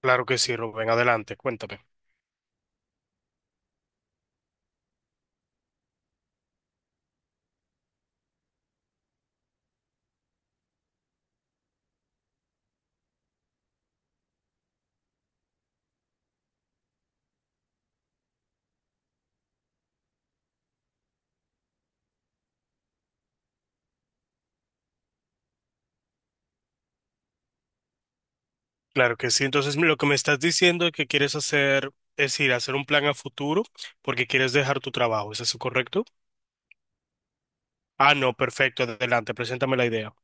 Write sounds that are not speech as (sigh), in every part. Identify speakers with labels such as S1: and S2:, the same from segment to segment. S1: Claro que sí, Rubén, adelante, cuéntame. Claro que sí, entonces lo que me estás diciendo es que quieres hacer, es decir, hacer un plan a futuro porque quieres dejar tu trabajo, ¿es eso correcto? Ah, no, perfecto, adelante, preséntame la idea.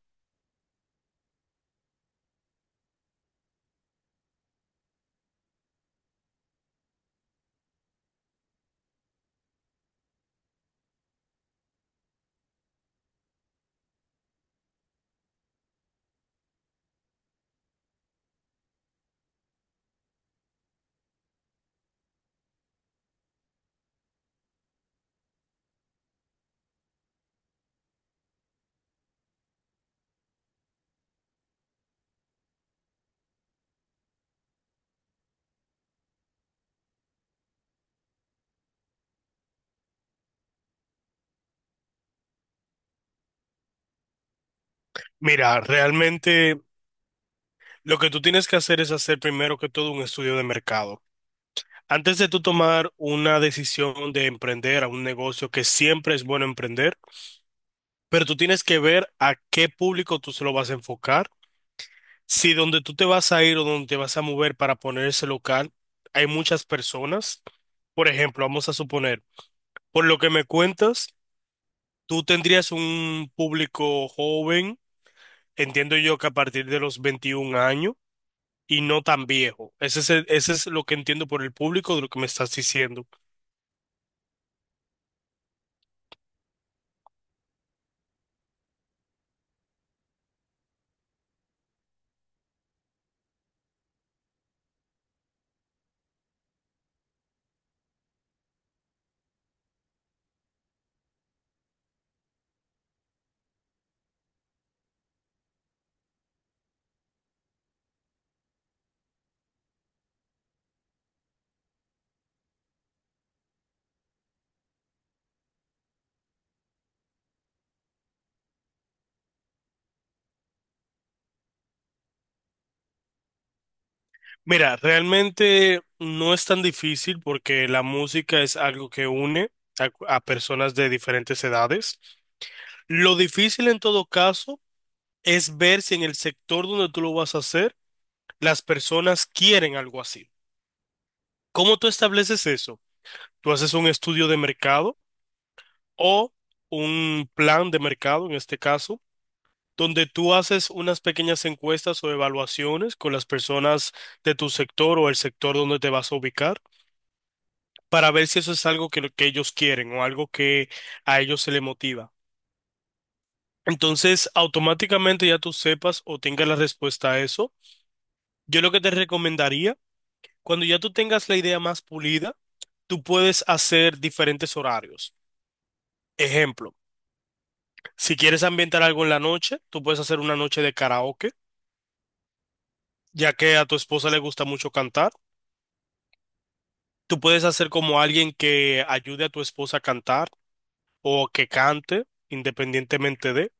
S1: Mira, realmente lo que tú tienes que hacer es hacer primero que todo un estudio de mercado. Antes de tú tomar una decisión de emprender a un negocio que siempre es bueno emprender, pero tú tienes que ver a qué público tú se lo vas a enfocar. Si donde tú te vas a ir o donde te vas a mover para poner ese local, hay muchas personas. Por ejemplo, vamos a suponer, por lo que me cuentas, tú tendrías un público joven, entiendo yo que a partir de los 21 años y no tan viejo. Ese es lo que entiendo por el público de lo que me estás diciendo. Mira, realmente no es tan difícil porque la música es algo que une a, a personas de diferentes edades. Lo difícil en todo caso es ver si en el sector donde tú lo vas a hacer, las personas quieren algo así. ¿Cómo tú estableces eso? Tú haces un estudio de mercado o un plan de mercado, en este caso, donde tú haces unas pequeñas encuestas o evaluaciones con las personas de tu sector o el sector donde te vas a ubicar para ver si eso es algo que ellos quieren o algo que a ellos se les motiva. Entonces, automáticamente ya tú sepas o tengas la respuesta a eso. Yo lo que te recomendaría, cuando ya tú tengas la idea más pulida, tú puedes hacer diferentes horarios. Ejemplo, si quieres ambientar algo en la noche, tú puedes hacer una noche de karaoke, ya que a tu esposa le gusta mucho cantar. Tú puedes hacer como alguien que ayude a tu esposa a cantar o que cante, independientemente de.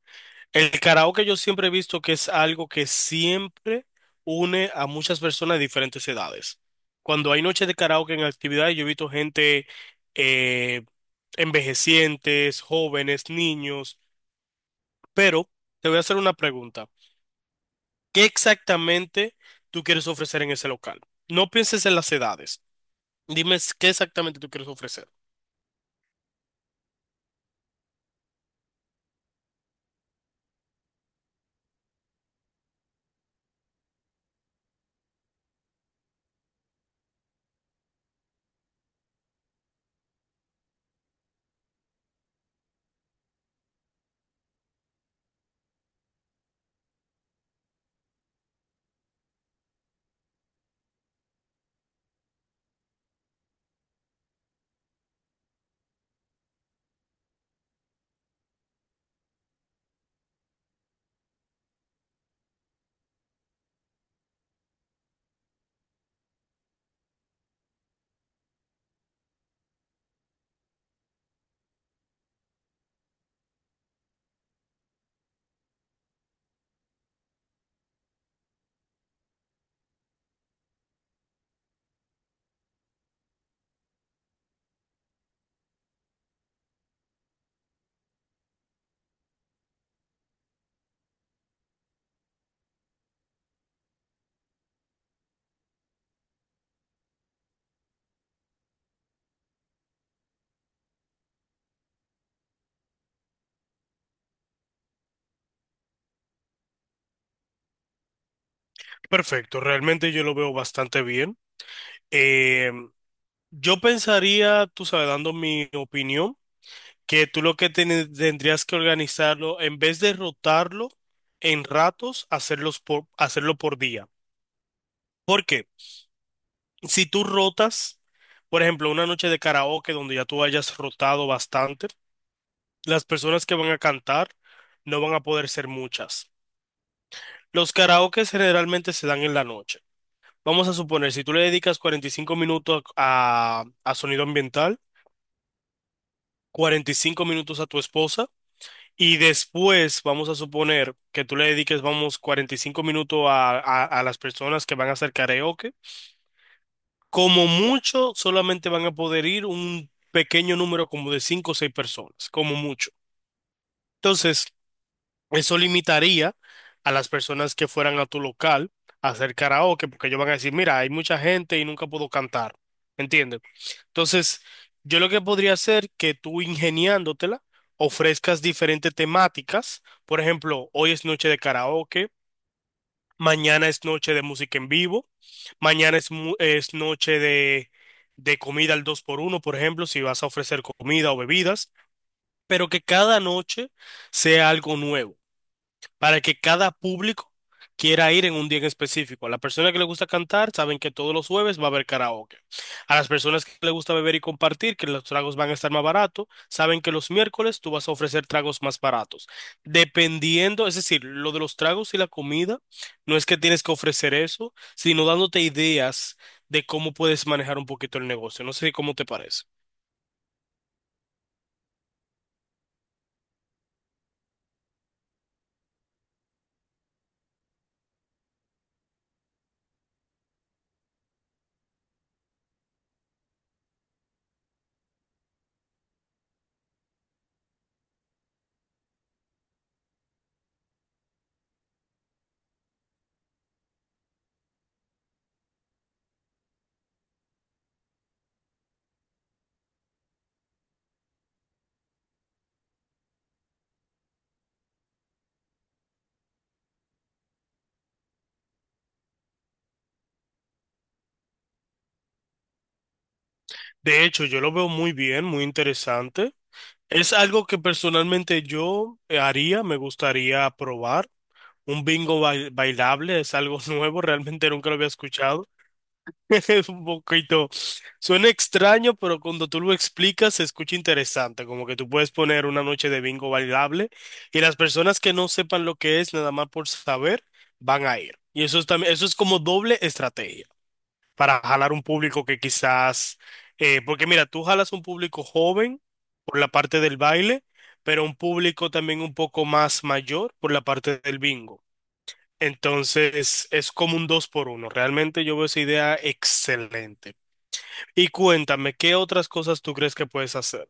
S1: El karaoke yo siempre he visto que es algo que siempre une a muchas personas de diferentes edades. Cuando hay noches de karaoke en actividades, yo he visto gente eh, envejecientes, jóvenes, niños, pero te voy a hacer una pregunta. ¿Qué exactamente tú quieres ofrecer en ese local? No pienses en las edades. Qué exactamente tú quieres ofrecer. Perfecto, realmente yo lo veo bastante bien. Eh, yo pensaría, tú sabes, dando mi opinión, que tú lo que tendrías que organizarlo, en vez de rotarlo en ratos, hacerlo por día. Porque si tú rotas, por ejemplo, una noche de karaoke donde ya tú hayas rotado bastante, las personas que van a cantar no van a poder ser muchas. Los karaokes generalmente se dan en la noche. Vamos a suponer, si tú le dedicas 45 minutos a, sonido ambiental, 45 minutos a tu esposa, y después vamos a suponer que tú le dediques, vamos, 45 minutos a las personas que van a hacer karaoke. Como mucho, solamente van a poder ir un pequeño número como de 5 o 6 personas, como mucho. Entonces, eso limitaría a las personas que fueran a tu local a hacer karaoke, porque ellos van a decir, mira, hay mucha gente y nunca puedo cantar. ¿Entiendes? Entonces, yo lo que podría hacer que tú ingeniándotela ofrezcas diferentes temáticas. Por ejemplo, hoy es noche de karaoke, mañana es noche de música en vivo, es noche de comida al dos por uno, por ejemplo, si vas a ofrecer comida o bebidas, pero que cada noche sea algo nuevo para que cada público quiera ir en un día en específico. A la persona que le gusta cantar, saben que todos los jueves va a haber karaoke. A las personas que le gusta beber y compartir, que los tragos van a estar más baratos, saben que los miércoles tú vas a ofrecer tragos más baratos. Dependiendo, es decir, lo de los tragos y la comida, no es que tienes que ofrecer eso, sino dándote ideas de cómo puedes manejar un poquito el negocio. No sé cómo te parece. De hecho, yo lo veo muy bien, muy interesante. Es algo que personalmente yo haría, me gustaría probar. Un bailable es algo (laughs) nuevo, realmente nunca lo había escuchado. (laughs) Es un poquito, suena extraño, pero cuando tú lo explicas se escucha interesante, como que tú puedes poner una noche de bingo bailable y las personas que no sepan lo que es, nada más por saber, van a ir. Y eso es también, eso es como doble estrategia para jalar un público que porque mira, tú jalas un público joven por la parte del baile, pero un público también un poco más mayor por la parte del bingo. Entonces es como un dos por uno. Realmente yo veo esa idea excelente. Y cuéntame, ¿qué otras cosas tú crees que puedes hacer?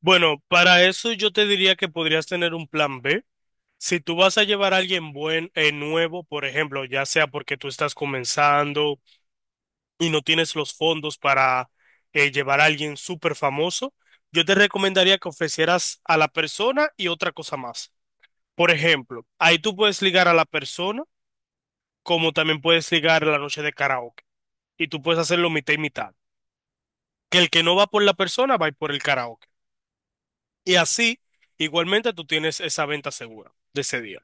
S1: Bueno, para eso yo te diría que podrías tener un plan B. Si tú vas a llevar a nuevo, por ejemplo, ya sea porque tú estás comenzando, y no tienes los fondos para llevar a alguien súper famoso, yo te recomendaría que ofrecieras a la persona y otra cosa más. Por ejemplo, ahí tú puedes ligar a la persona, como también puedes ligar la noche de karaoke. Y tú puedes hacerlo mitad y mitad. Que el que no va por la persona va a ir por el karaoke. Y así, igualmente, tú tienes esa venta segura de ese día.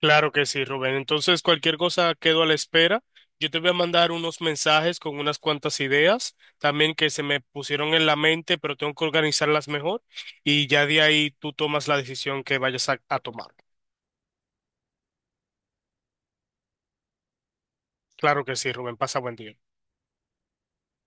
S1: Claro que sí, Rubén. Entonces, cualquier cosa quedo a la espera. Yo te voy a mandar unos mensajes con unas cuantas ideas también que se me pusieron en la mente, pero tengo que organizarlas mejor y ya de ahí tú tomas la decisión que vayas a tomar. Claro que sí, Rubén. Pasa buen día.